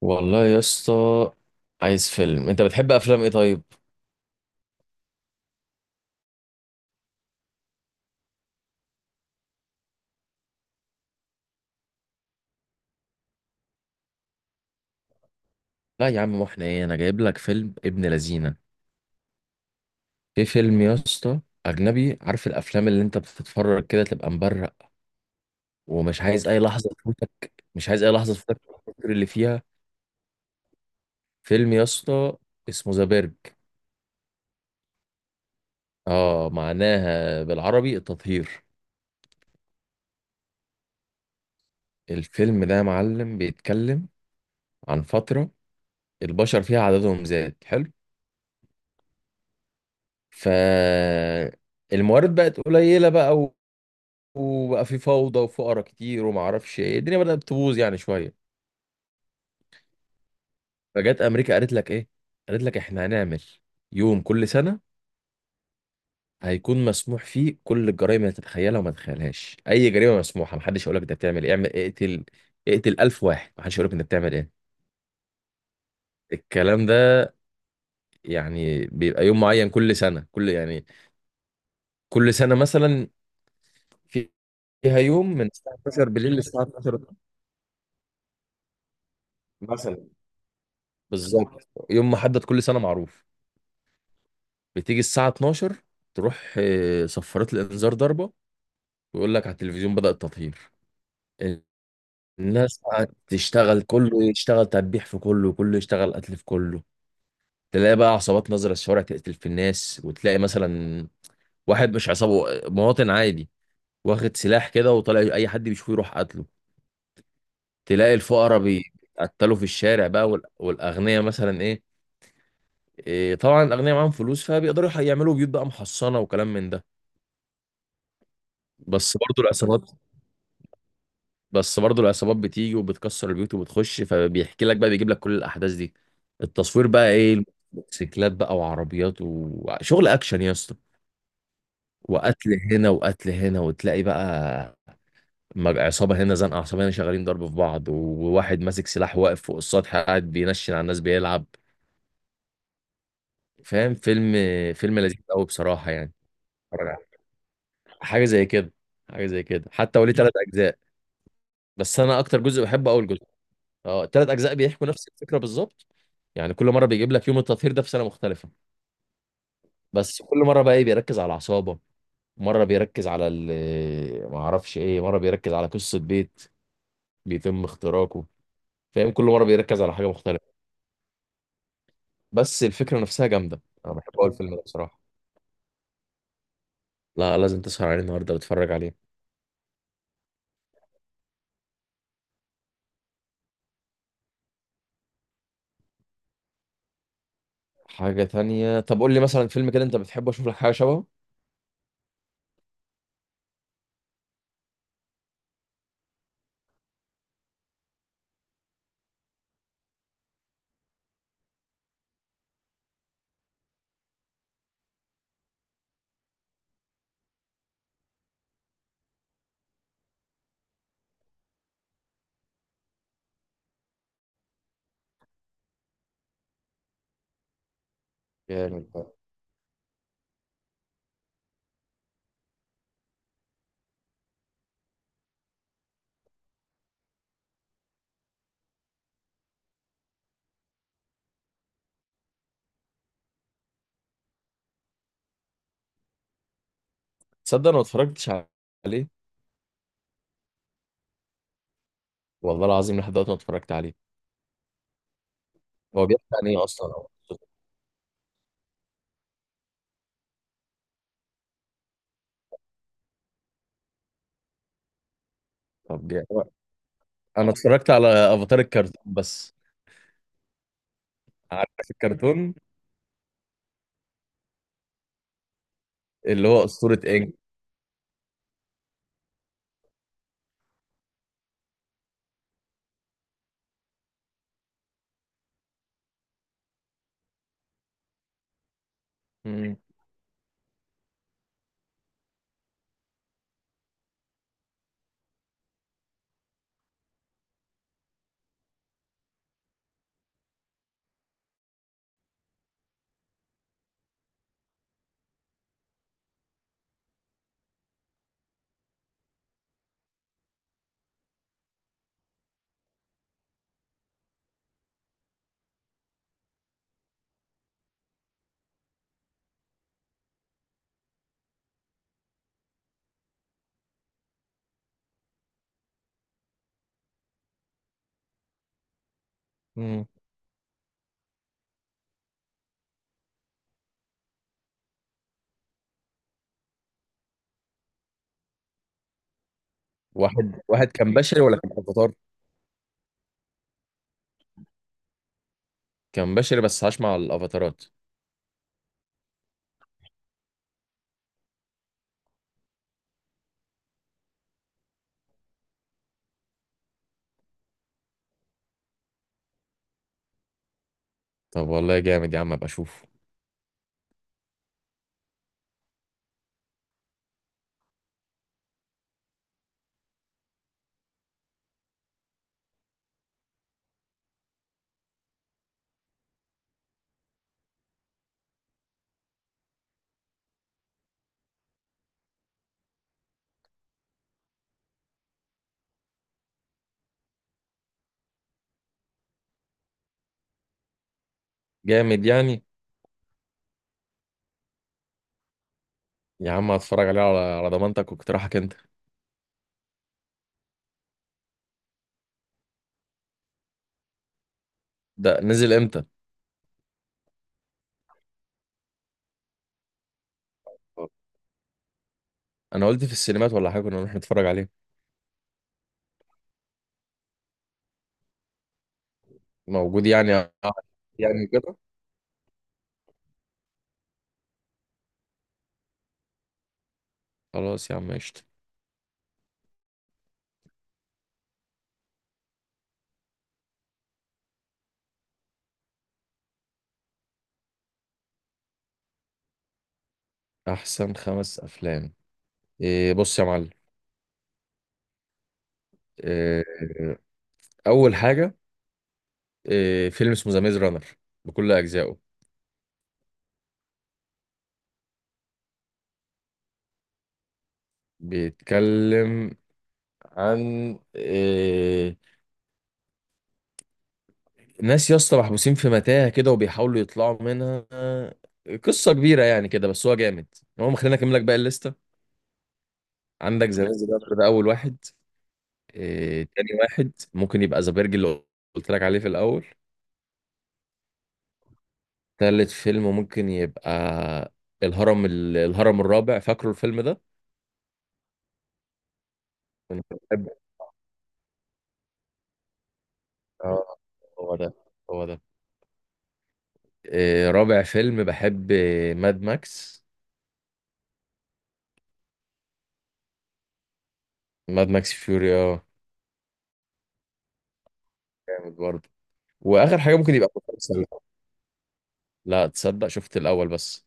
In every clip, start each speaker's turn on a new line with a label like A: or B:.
A: والله يا اسطى، عايز فيلم؟ انت بتحب افلام ايه طيب؟ لا يا عم، واحنا ايه؟ انا جايب لك فيلم ابن لذينه. في فيلم يا اسطى اجنبي. عارف الافلام اللي انت بتتفرج كده تبقى مبرق ومش عايز اي لحظه تفوتك؟ مش عايز اي لحظه تفوتك في الفكر اللي فيها. فيلم يا اسطى اسمه ذا بيرج. اه، معناها بالعربي التطهير. الفيلم ده يا معلم بيتكلم عن فتره البشر فيها عددهم زاد حلو. ف الموارد بقت قليلة بقى، وبقى في فوضى وفقرا كتير وما اعرفش ايه، الدنيا بدأت تبوظ يعني شويه. فجت امريكا قالت لك ايه، قالت لك احنا هنعمل يوم كل سنه هيكون مسموح فيه كل الجرائم اللي تتخيلها وما تتخيلهاش. اي جريمه مسموحه، محدش يقول لك انت بتعمل ايه. اعمل، اقتل، اقتل 1000 واحد محدش يقول لك انت بتعمل ايه. الكلام ده يعني بيبقى يوم معين كل سنه، كل يعني كل سنه مثلا في- فيها يوم من الساعه 12 بالليل للساعه 12 مثلا. بالظبط يوم محدد كل سنه معروف. بتيجي الساعة 12، تروح صفارات الإنذار ضربة، ويقول لك على التلفزيون بدأ التطهير. الناس قاعدة تشتغل، كله يشتغل تدبيح في كله، وكله يشتغل قتل في كله. تلاقي بقى عصابات نازلة الشوارع تقتل في الناس، وتلاقي مثلا واحد مش عصابة، مواطن عادي، واخد سلاح كده وطالع أي حد بيشوفه يروح قتله. تلاقي الفقراء بيتقتلوا في الشارع بقى، والأغنياء مثلا إيه، طبعا الأغنياء معاهم فلوس فبيقدروا يعملوا بيوت بقى محصنة وكلام من ده. بس برضو العصابات بس برضه العصابات بتيجي وبتكسر البيوت وبتخش، فبيحكي لك بقى بيجيب لك كل الاحداث دي. التصوير بقى ايه، موتوسيكلات بقى وعربيات وشغل اكشن يا اسطى. وقتل هنا وقتل هنا، وتلاقي بقى عصابه هنا، زنقه عصابه هنا، شغالين ضرب في بعض، وواحد ماسك سلاح واقف فوق السطح قاعد بينشن على الناس بيلعب. فاهم؟ فيلم، فيلم لذيذ قوي بصراحه يعني. اتفرج عليه. حاجه زي كده. حاجه زي كده، حتى وليه ثلاث اجزاء. بس انا اكتر جزء بحبه اول جزء. اه، ثلاث اجزاء بيحكوا نفس الفكره بالظبط. يعني كل مره بيجيب لك يوم التطهير ده في سنه مختلفه، بس كل مره بقى ايه بيركز على العصابه، مره بيركز على ما اعرفش ايه، مره بيركز على قصه بيت بيتم اختراقه. فاهم؟ كل مره بيركز على حاجه مختلفه، بس الفكره نفسها جامده. انا بحب اقول الفيلم ده بصراحه. لا، لازم تسهر عليه النهارده وتتفرج عليه. حاجه تانية؟ طب قول لي مثلا فيلم كده انت بتحبه اشوف لك حاجه شبهه. جامد ده. تصدق انا ما اتفرجتش عليه، والله العظيم لحد دلوقتي ما اتفرجت عليه. هو بيحكي عن ايه اصلا أو قصته؟ طب جامد. انا اتفرجت على افاتار الكرتون بس. عارف الكرتون اللي هو أسطورة إنج؟ مم. مم. واحد كان بشري ولا كان افاتار؟ كان بشري بس عاش مع الافاتارات. طب والله جامد يا عم، ابقى اشوفه. جامد يعني؟ يا عم هتفرج عليه على على ضمانتك واقتراحك انت. ده نزل امتى؟ انا قلت في السينمات ولا حاجه كنا نروح نتفرج عليه. موجود يعني؟ يعني كده؟ خلاص يا عم، قشطة. احسن خمس افلام؟ إيه، بص يا معلم. إيه، اول حاجه، إيه، فيلم اسمه ذا ميز رانر بكل اجزائه. بيتكلم عن ناس يا اسطى محبوسين في متاهة كده وبيحاولوا يطلعوا منها. قصة كبيرة يعني كده، بس هو جامد. المهم خلينا اكمل لك باقي الليستة. عندك ذا ميز رانر ده اول واحد. تاني واحد ممكن يبقى ذا بيرج اللي قلت لك عليه في الاول. تالت فيلم ممكن يبقى الهرم. الهرم الرابع، فاكره الفيلم ده؟ كنت بحب. اه، هو ده، هو ده. رابع فيلم بحب ماد ماكس. ماد ماكس فيوري، اه، جامد برضه. واخر حاجه ممكن يبقى كفر السلة. لا تصدق، شفت الاول بس.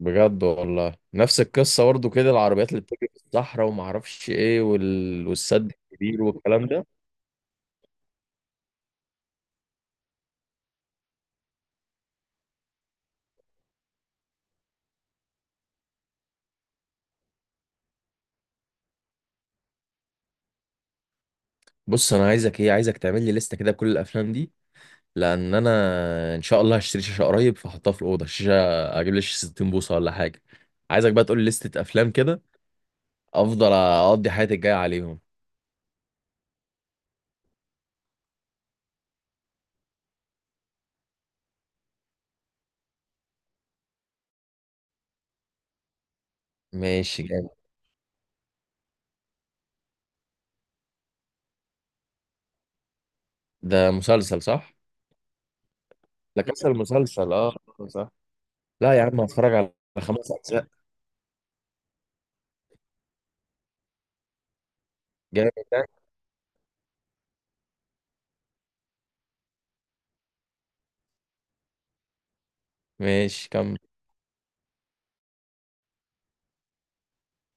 A: بجد والله نفس القصه برضه كده، العربيات اللي بتجري في الصحراء وما اعرفش ايه وال... والسد الكبير والكلام ده. بص انا عايزك ايه، عايزك تعمل لي لسته كده بكل الافلام دي، لان انا ان شاء الله هشتري شاشه قريب فاحطها في الاوضه، الشاشه اجيب لي شاشه 60 بوصه ولا حاجه. عايزك بقى تقول لي لسته افلام كده افضل اقضي حياتي الجايه عليهم. ماشي جامد. ده مسلسل صح؟ ده كسر المسلسل، اه. صح. لا يا عم، هتفرج على خمس اجزاء؟ جامد ده. ماشي كمل،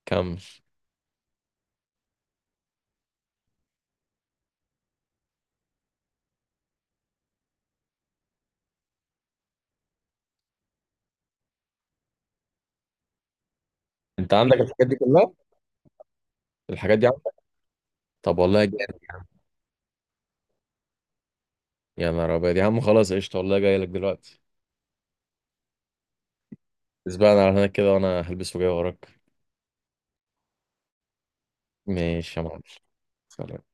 A: كمل. انت عندك الحاجات دي كلها؟ الحاجات دي عندك؟ طب والله جامد. يا نهار ابيض يا عم، خلاص قشطه، والله جاي لك دلوقتي. اسبقنا على هناك كده وانا هلبس وجاي وراك. ماشي يا معلم، سلام.